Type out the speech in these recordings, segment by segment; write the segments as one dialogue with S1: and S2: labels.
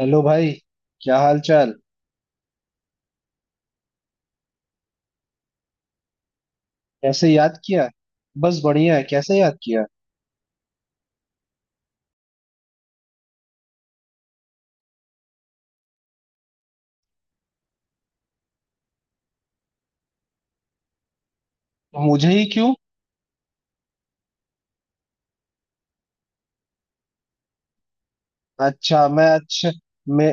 S1: Hello भाई। क्या हाल चाल। कैसे याद किया? बस बढ़िया है। कैसे याद किया? मुझे ही क्यों? अच्छा मैं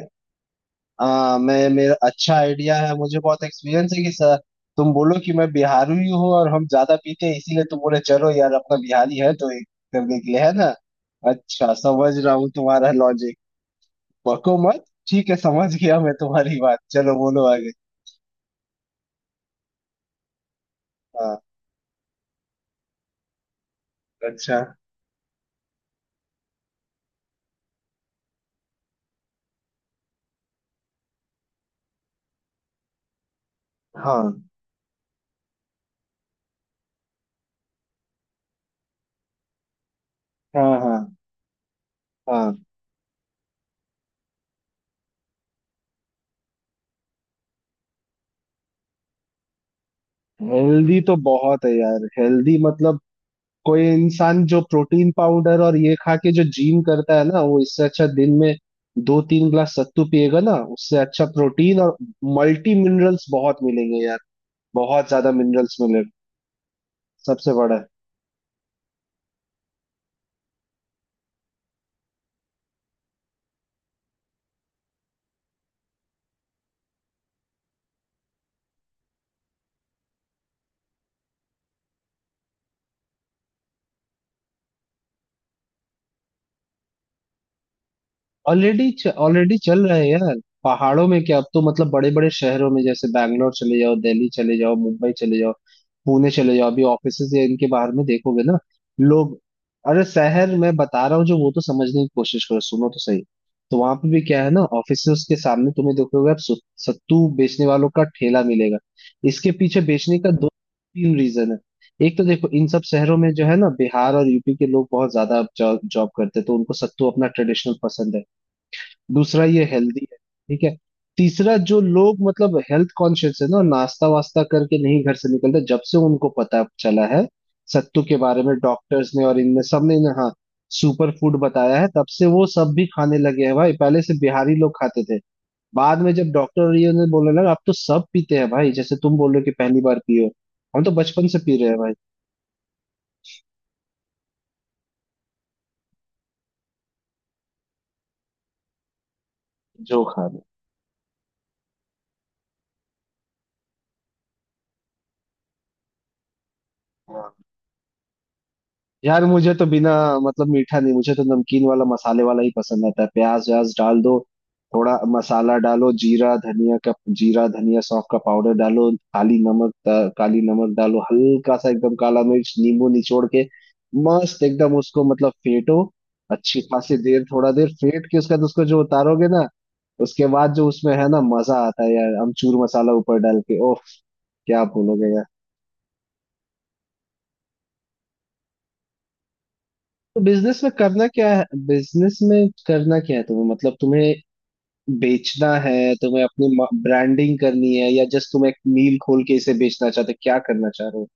S1: मैं मेरा अच्छा आइडिया है। मुझे बहुत एक्सपीरियंस है कि सर तुम बोलो कि मैं बिहारी हूँ और हम ज्यादा पीते हैं, इसीलिए तुम बोले चलो यार अपना बिहारी है तो एक करने के लिए है ना। अच्छा समझ रहा हूँ तुम्हारा लॉजिक। बको मत। ठीक है समझ गया मैं तुम्हारी बात। चलो बोलो आगे। हाँ। अच्छा। हाँ हाँ। हाँ हाँ। हेल्दी तो बहुत है यार, हेल्दी मतलब कोई इंसान जो प्रोटीन पाउडर और ये खा के जो जिम करता है ना, वो इससे अच्छा दिन में दो तीन ग्लास सत्तू पिएगा ना, उससे अच्छा प्रोटीन और मल्टी मिनरल्स बहुत मिलेंगे यार। बहुत ज्यादा मिनरल्स मिलेंगे। सबसे बड़ा। ऑलरेडी। ऑलरेडी चल रहा है यार। पहाड़ों में क्या, अब तो मतलब बड़े बड़े शहरों में, जैसे बैंगलोर चले जाओ, दिल्ली चले जाओ, मुंबई चले जाओ, पुणे चले जाओ, अभी ऑफिसेज या इनके बाहर में देखोगे ना लोग। अरे शहर मैं बता रहा हूँ जो, वो तो समझने की कोशिश करो, सुनो तो सही। तो वहां पे भी क्या है ना, ऑफिसेज के सामने तुम्हें देखोगे आप सत्तू बेचने वालों का ठेला मिलेगा। इसके पीछे बेचने का दो तीन रीजन है। एक तो देखो इन सब शहरों में जो है ना बिहार और यूपी के लोग बहुत ज्यादा जॉब करते हैं, तो उनको सत्तू अपना ट्रेडिशनल पसंद है। दूसरा ये हेल्दी है। ठीक है। तीसरा जो लोग मतलब हेल्थ कॉन्शियस है ना, नाश्ता वास्ता करके नहीं घर से निकलते, जब से उनको पता चला है सत्तू के बारे में, डॉक्टर्स ने और इनमें सबने ने, हाँ, सुपर फूड बताया है, तब से वो सब भी खाने लगे हैं भाई, पहले से बिहारी लोग खाते थे। बाद में जब डॉक्टर और ये ने बोलने लगा, अब तो सब पीते हैं भाई। जैसे तुम बोल रहे हो कि पहली बार पियो, हम तो बचपन से पी रहे हैं भाई। जो खा रहे हैं। यार मुझे तो बिना मतलब मीठा नहीं, मुझे तो नमकीन वाला मसाले वाला ही पसंद आता है। प्याज व्याज डाल दो, थोड़ा मसाला डालो, जीरा धनिया का, जीरा धनिया सौंफ का पाउडर डालो, काली नमक काली नमक डालो हल्का सा, एकदम काला मिर्च, नींबू निचोड़ के मस्त एकदम उसको मतलब फेटो, अच्छी खासी देर, थोड़ा देर फेट के उसका उसको जो उतारोगे ना, उसके बाद जो उसमें है ना मजा आता है यार। अमचूर मसाला ऊपर डाल के, ओह, क्या बोलोगे। बिजनेस में करना क्या है? तुम्हें मतलब तुम्हें बेचना है? तुम्हें अपनी ब्रांडिंग करनी है या जस्ट तुम एक मील खोल के इसे बेचना चाहते हो? क्या करना चाह रहे हो?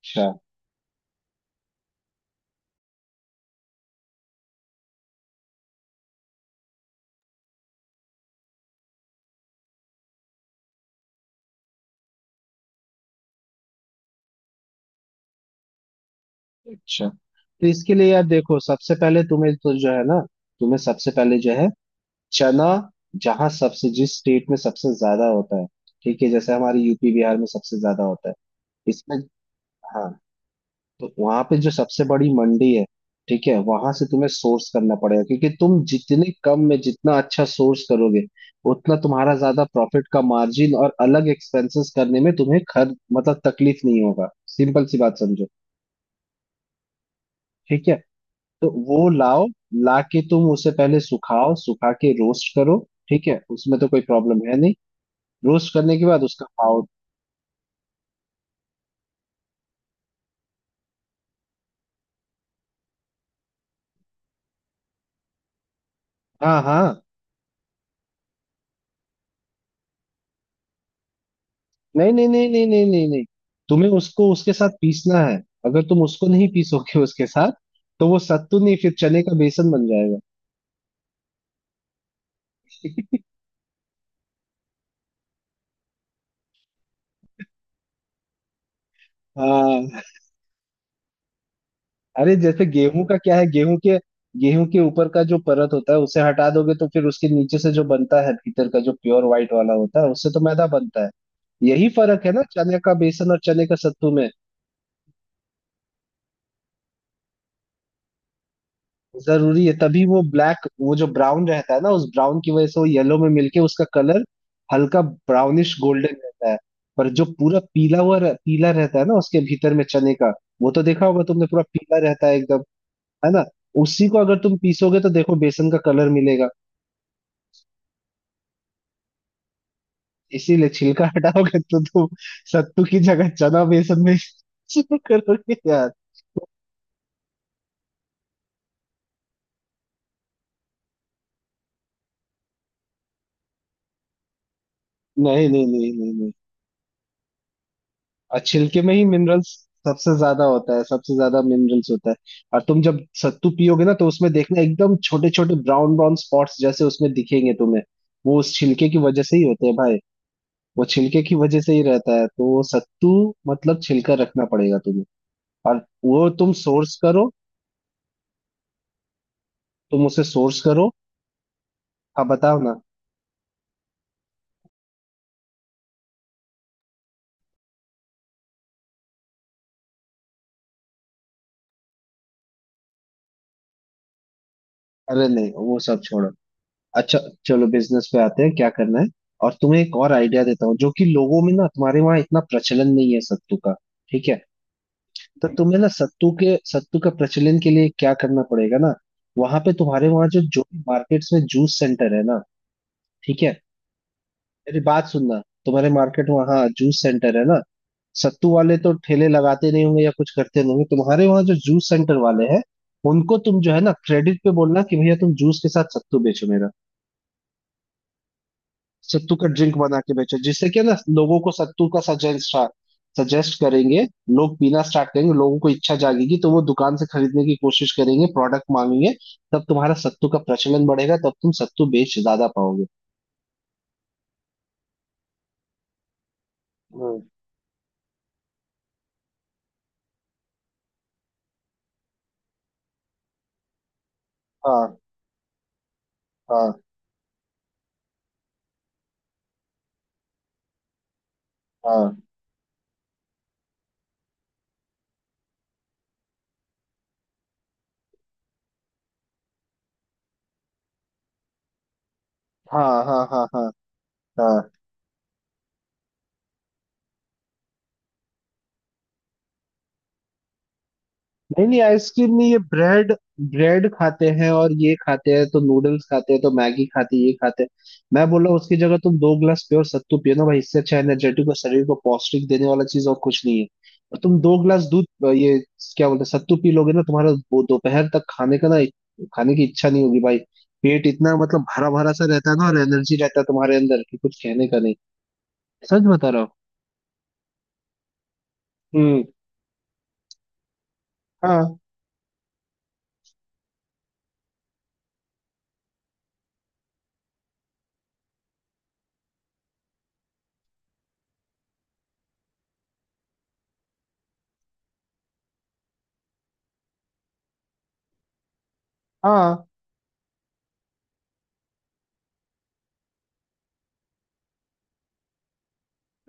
S1: अच्छा। अच्छा, तो इसके लिए यार देखो, सबसे पहले तुम्हें तो जो है ना तुम्हें सबसे पहले जो है, चना जहाँ सबसे जिस स्टेट में सबसे ज्यादा होता है, ठीक है, जैसे हमारे यूपी बिहार में सबसे ज्यादा होता है इसमें, हाँ, तो वहां पे जो सबसे बड़ी मंडी है, ठीक है, वहां से तुम्हें सोर्स करना पड़ेगा, क्योंकि तुम जितने कम में जितना अच्छा सोर्स करोगे उतना तुम्हारा ज्यादा प्रॉफिट का मार्जिन, और अलग एक्सपेंसेस करने में तुम्हें खर्च मतलब तकलीफ नहीं होगा। सिंपल सी बात समझो। ठीक है, तो वो लाओ। ला के तुम उसे पहले सुखाओ, सुखा के रोस्ट करो। ठीक है, उसमें तो कोई प्रॉब्लम है नहीं। रोस्ट करने के बाद उसका पाउडर, हाँ, हाँ, नहीं नहीं नहीं नहीं नहीं नहीं नहीं, तुम्हें उसको उसके साथ पीसना है। अगर तुम उसको नहीं पीसोगे उसके साथ तो वो सत्तू नहीं, फिर चने का बेसन बन जाएगा। हाँ, अरे जैसे गेहूं का क्या है, गेहूं के ऊपर का जो परत होता है उसे हटा दोगे, तो फिर उसके नीचे से जो बनता है, भीतर का जो प्योर व्हाइट वाला होता है, उससे तो मैदा बनता है। यही फर्क है ना चने का बेसन और चने का सत्तू में। जरूरी है, तभी वो ब्लैक, वो जो ब्राउन रहता है ना, उस ब्राउन की वजह से वो येलो में मिलके उसका कलर हल्का ब्राउनिश गोल्डन रहता है। पर जो पूरा पीला हुआ रह, पीला रहता है ना उसके भीतर में चने का, वो तो देखा होगा तुमने, पूरा पीला रहता है एकदम, है ना। उसी को अगर तुम पीसोगे तो देखो बेसन का कलर मिलेगा। इसीलिए छिलका हटाओगे तो तुम सत्तू की जगह चना बेसन में करोगे यार। नहीं नहीं नहीं नहीं नहीं। और छिलके में ही मिनरल्स सबसे ज्यादा होता है, सबसे ज्यादा मिनरल्स होता है। और तुम जब सत्तू पियोगे ना, तो उसमें देखना एकदम छोटे छोटे ब्राउन ब्राउन स्पॉट्स जैसे उसमें दिखेंगे तुम्हें, वो उस छिलके की वजह से ही होते हैं भाई। वो छिलके की वजह से ही रहता है तो वो सत्तू, मतलब छिलका रखना पड़ेगा तुम्हें, और वो तुम सोर्स करो, तुम उसे सोर्स करो। हाँ बताओ ना। अरे नहीं, वो सब छोड़ो। अच्छा, चलो बिजनेस पे आते हैं, क्या करना है। और तुम्हें एक और आइडिया देता हूँ जो कि लोगों में ना तुम्हारे वहां इतना प्रचलन नहीं है सत्तू का, ठीक है, तो तुम्हें ना सत्तू का प्रचलन के लिए क्या करना पड़ेगा ना, वहां पे तुम्हारे वहां जो जो भी मार्केट्स में जूस सेंटर है ना, ठीक है, मेरी बात सुनना, तुम्हारे मार्केट वहां जूस सेंटर है ना, सत्तू वाले तो ठेले लगाते नहीं होंगे या कुछ करते नहीं होंगे, तुम्हारे वहां जो जूस सेंटर वाले हैं उनको तुम जो है ना क्रेडिट पे बोलना कि भैया तुम जूस के साथ सत्तू बेचो मेरा, सत्तू का ड्रिंक बना के बेचो, जिससे क्या ना लोगों को सत्तू का सजेस्ट सजेस्ट करेंगे, लोग पीना स्टार्ट करेंगे, लोगों को इच्छा जागेगी तो वो दुकान से खरीदने की कोशिश करेंगे, प्रोडक्ट मांगेंगे, तब तुम्हारा सत्तू का प्रचलन बढ़ेगा, तब तुम सत्तू बेच ज्यादा पाओगे। हम्म। हाँ हाँ हाँ हाँ हाँ हाँ हाँ हाँ। नहीं नहीं, आइसक्रीम में ये ब्रेड ब्रेड खाते हैं और ये खाते हैं, तो नूडल्स खाते हैं, तो मैगी खाते हैं, ये खाते हैं। मैं बोल रहा हूँ उसकी जगह तुम दो गिलास प्योर सत्तू पियो ना भाई, इससे अच्छा एनर्जेटिक और शरीर को पौष्टिक देने वाला चीज और कुछ नहीं है। और तुम दो गिलास दूध ये क्या बोलते हैं, सत्तू पी लोगे ना, तुम्हारा वो दोपहर तक खाने का ना, खाने की इच्छा नहीं होगी भाई। पेट इतना मतलब भरा भरा सा रहता है ना, और एनर्जी रहता है तुम्हारे अंदर कि कुछ कहने का नहीं। सच बता रहा हूँ। हम्म। हाँ हाँ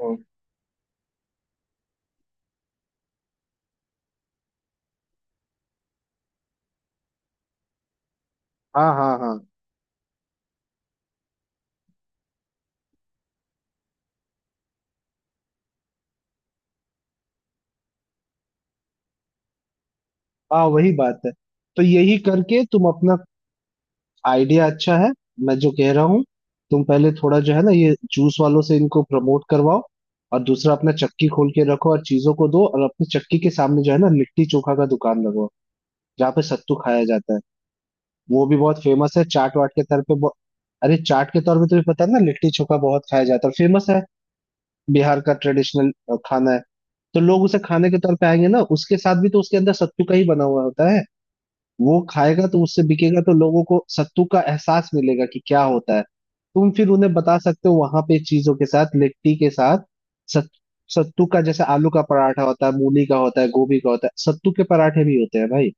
S1: हाँ हाँ हाँ हाँ हाँ। वही बात है। तो यही करके तुम अपना, आइडिया अच्छा है। मैं जो कह रहा हूँ, तुम पहले थोड़ा जो है ना ये जूस वालों से इनको प्रमोट करवाओ, और दूसरा अपना चक्की खोल के रखो और चीजों को दो, और अपनी चक्की के सामने जो है ना लिट्टी चोखा का दुकान लगवाओ, जहाँ पे सत्तू खाया जाता है। वो भी बहुत फेमस है चाट वाट के तौर पे अरे चाट के तौर पे तुम्हें पता है ना, लिट्टी चोखा बहुत खाया जाता है, फेमस है, बिहार का ट्रेडिशनल खाना है। तो लोग उसे खाने के तौर पे आएंगे ना, उसके साथ भी तो उसके अंदर सत्तू का ही बना हुआ होता है, वो खाएगा तो उससे बिकेगा, तो लोगों को सत्तू का एहसास मिलेगा कि क्या होता है। तुम फिर उन्हें बता सकते हो वहां पे चीजों के साथ, लिट्टी के साथ, सत, सत्तू का, जैसे आलू का पराठा होता है, मूली का होता है, गोभी का होता है, सत्तू के पराठे भी होते हैं भाई।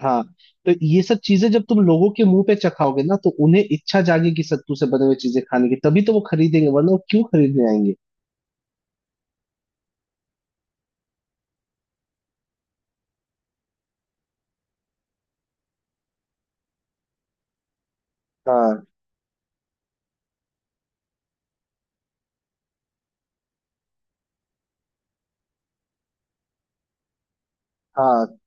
S1: हाँ, तो ये सब चीजें जब तुम लोगों के मुंह पे चखाओगे ना, तो उन्हें इच्छा जागेगी सत्तू से बने हुए चीजें खाने की, तभी तो वो खरीदेंगे, वरना वो क्यों खरीदने आएंगे। हाँ हाँ।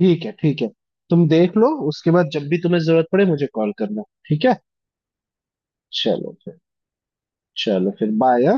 S1: ठीक है ठीक है, तुम देख लो, उसके बाद जब भी तुम्हें जरूरत पड़े मुझे कॉल करना। ठीक है। चलो फिर। चलो फिर बाय।